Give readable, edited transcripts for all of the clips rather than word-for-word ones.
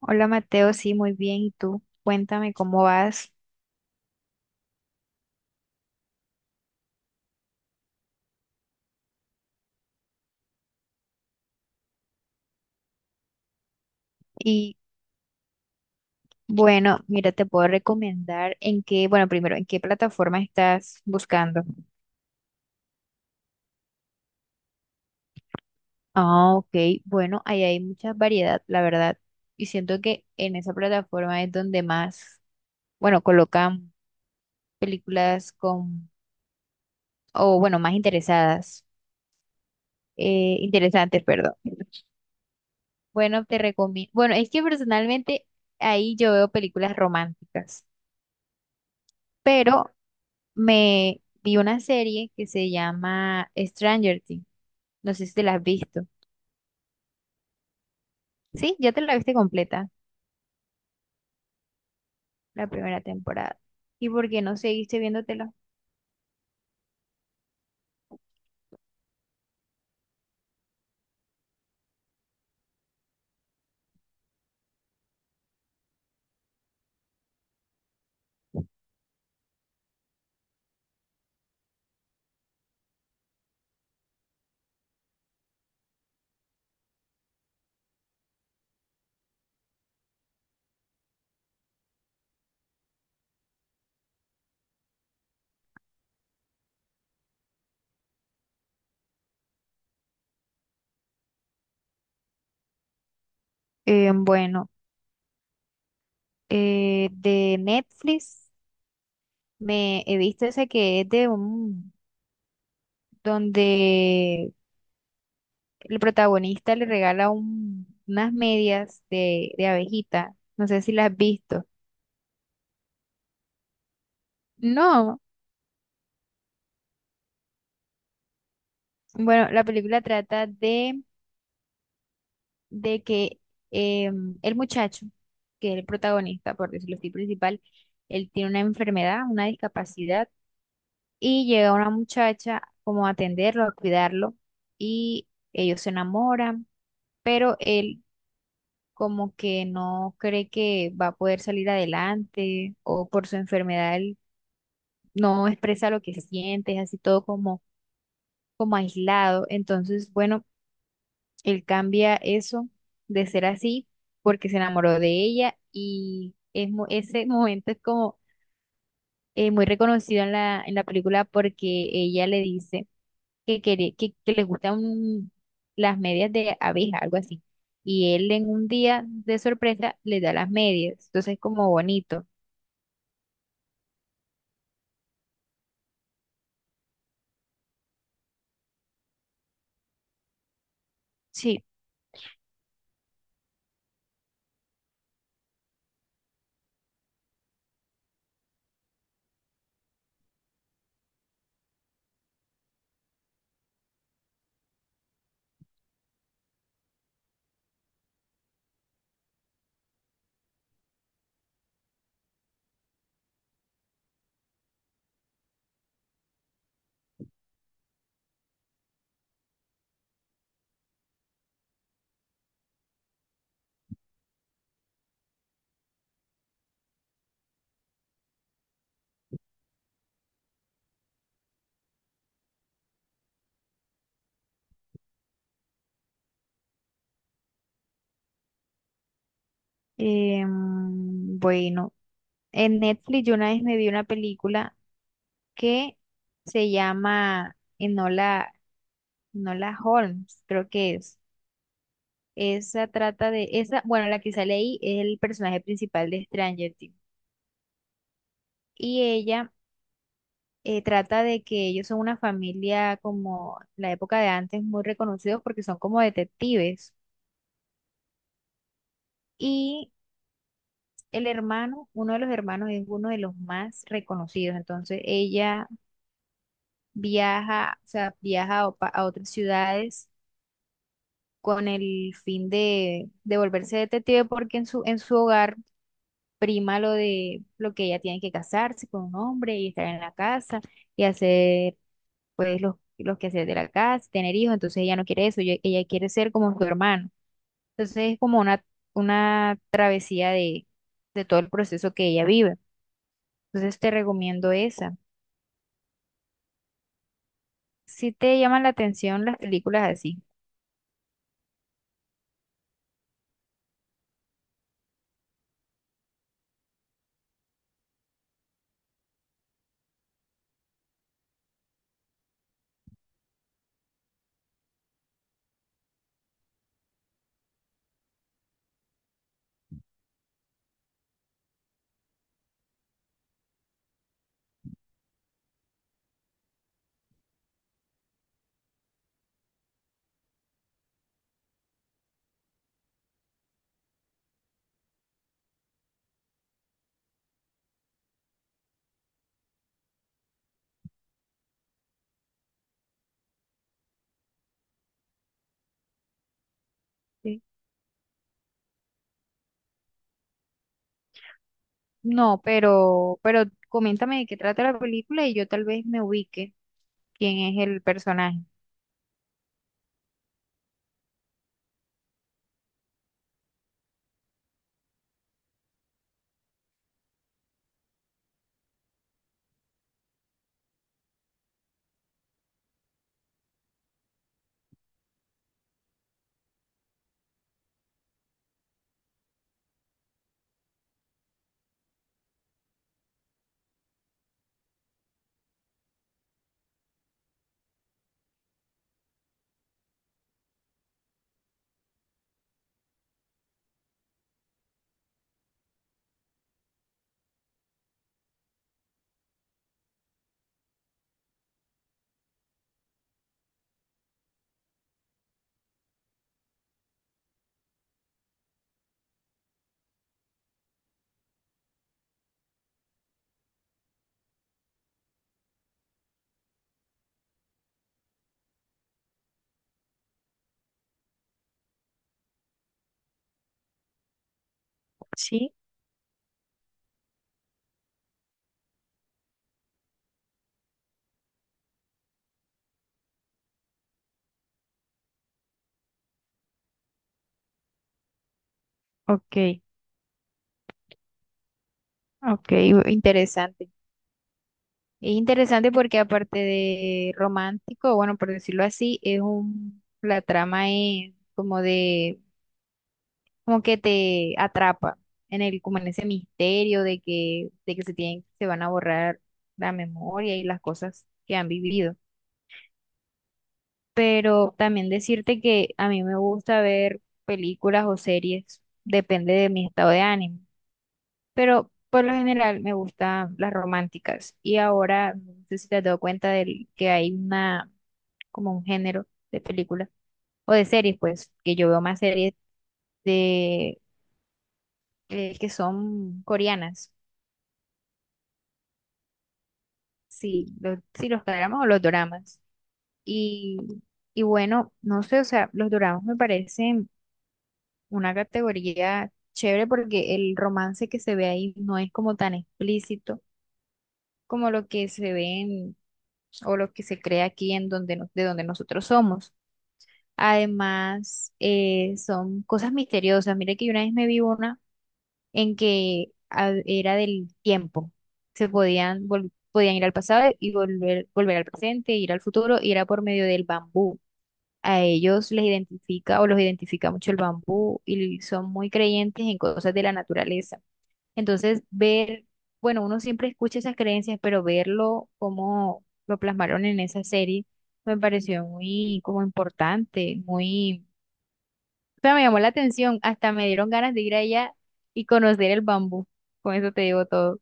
Hola Mateo, sí, muy bien. ¿Y tú? Cuéntame cómo vas. Y bueno, mira, te puedo recomendar en qué, bueno, primero, ¿en qué plataforma estás buscando? Ah, ok. Bueno, ahí hay mucha variedad, la verdad. Y siento que en esa plataforma es donde más, bueno, colocan películas con, o bueno, más interesadas, interesantes, perdón. Bueno, te recomiendo. Bueno, es que personalmente ahí yo veo películas románticas, pero me vi una serie que se llama Stranger Things. No sé si te la has visto. Sí, ya te la viste completa, la primera temporada. ¿Y por qué no seguiste viéndotela? Bueno, de Netflix me he visto esa que es de un, donde el protagonista le regala unas medias de abejita. No sé si las has visto. No, bueno, la película trata de que eh, el muchacho, que es el protagonista, por decirlo así, principal, él tiene una enfermedad, una discapacidad, y llega una muchacha como a atenderlo, a cuidarlo, y ellos se enamoran, pero él como que no cree que va a poder salir adelante, o por su enfermedad él no expresa lo que siente, es así todo como, como aislado. Entonces, bueno. Él cambia eso de ser así porque se enamoró de ella y es, ese momento es como muy reconocido en la película porque ella le dice que, quiere, que le gustan las medias de abeja, algo así. Y él en un día de sorpresa le da las medias. Entonces es como bonito. Sí. Bueno, en Netflix yo una vez me vi una película que se llama Enola. No la Holmes, creo que es. Esa trata de, esa, bueno, la que sale ahí es el personaje principal de Stranger Things. Y ella trata de que ellos son una familia como la época de antes, muy reconocidos porque son como detectives. Y el hermano, uno de los hermanos es uno de los más reconocidos. Entonces ella viaja, o sea, viaja a, a otras ciudades con el fin de volverse detective porque en su hogar prima lo de lo que ella tiene que casarse con un hombre y estar en la casa y hacer pues los quehaceres de la casa, tener hijos, entonces ella no quiere eso, ella quiere ser como su hermano. Entonces es como una travesía de todo el proceso que ella vive. Entonces te recomiendo esa. Si te llaman la atención las películas así. Sí. No, pero coméntame de qué trata la película y yo tal vez me ubique quién es el personaje. Sí, ok, ok, interesante. Es interesante porque aparte de romántico, bueno, por decirlo así, es un, la trama es como de, como que te atrapa en el, como en ese misterio de que se tienen, se van a borrar la memoria y las cosas que han vivido. Pero también decirte que a mí me gusta ver películas o series, depende de mi estado de ánimo. Pero por lo general me gustan las románticas. Y ahora, no sé si te has dado cuenta de que hay una como un género de película o de series, pues, que yo veo más series de que son coreanas, sí, los dramas o los doramas. Y, y bueno, no sé, o sea, los doramas me parecen una categoría chévere porque el romance que se ve ahí no es como tan explícito como lo que se ve o lo que se crea aquí en donde de donde nosotros somos. Además, son cosas misteriosas. Mira que yo una vez me vi una en que era del tiempo. Se podían, podían ir al pasado y volver, volver al presente, ir al futuro, y era por medio del bambú. A ellos les identifica o los identifica mucho el bambú y son muy creyentes en cosas de la naturaleza. Entonces, ver, bueno, uno siempre escucha esas creencias, pero verlo como lo plasmaron en esa serie me pareció muy como importante, muy sea, me llamó la atención, hasta me dieron ganas de ir allá y conocer el bambú. Con eso te digo todo.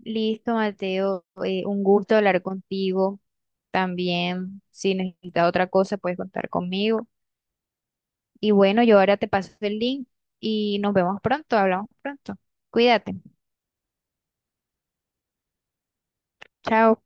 Listo, Mateo, un gusto hablar contigo. También, si necesitas otra cosa, puedes contar conmigo. Y bueno, yo ahora te paso el link y nos vemos pronto, hablamos pronto. Cuídate. Chao.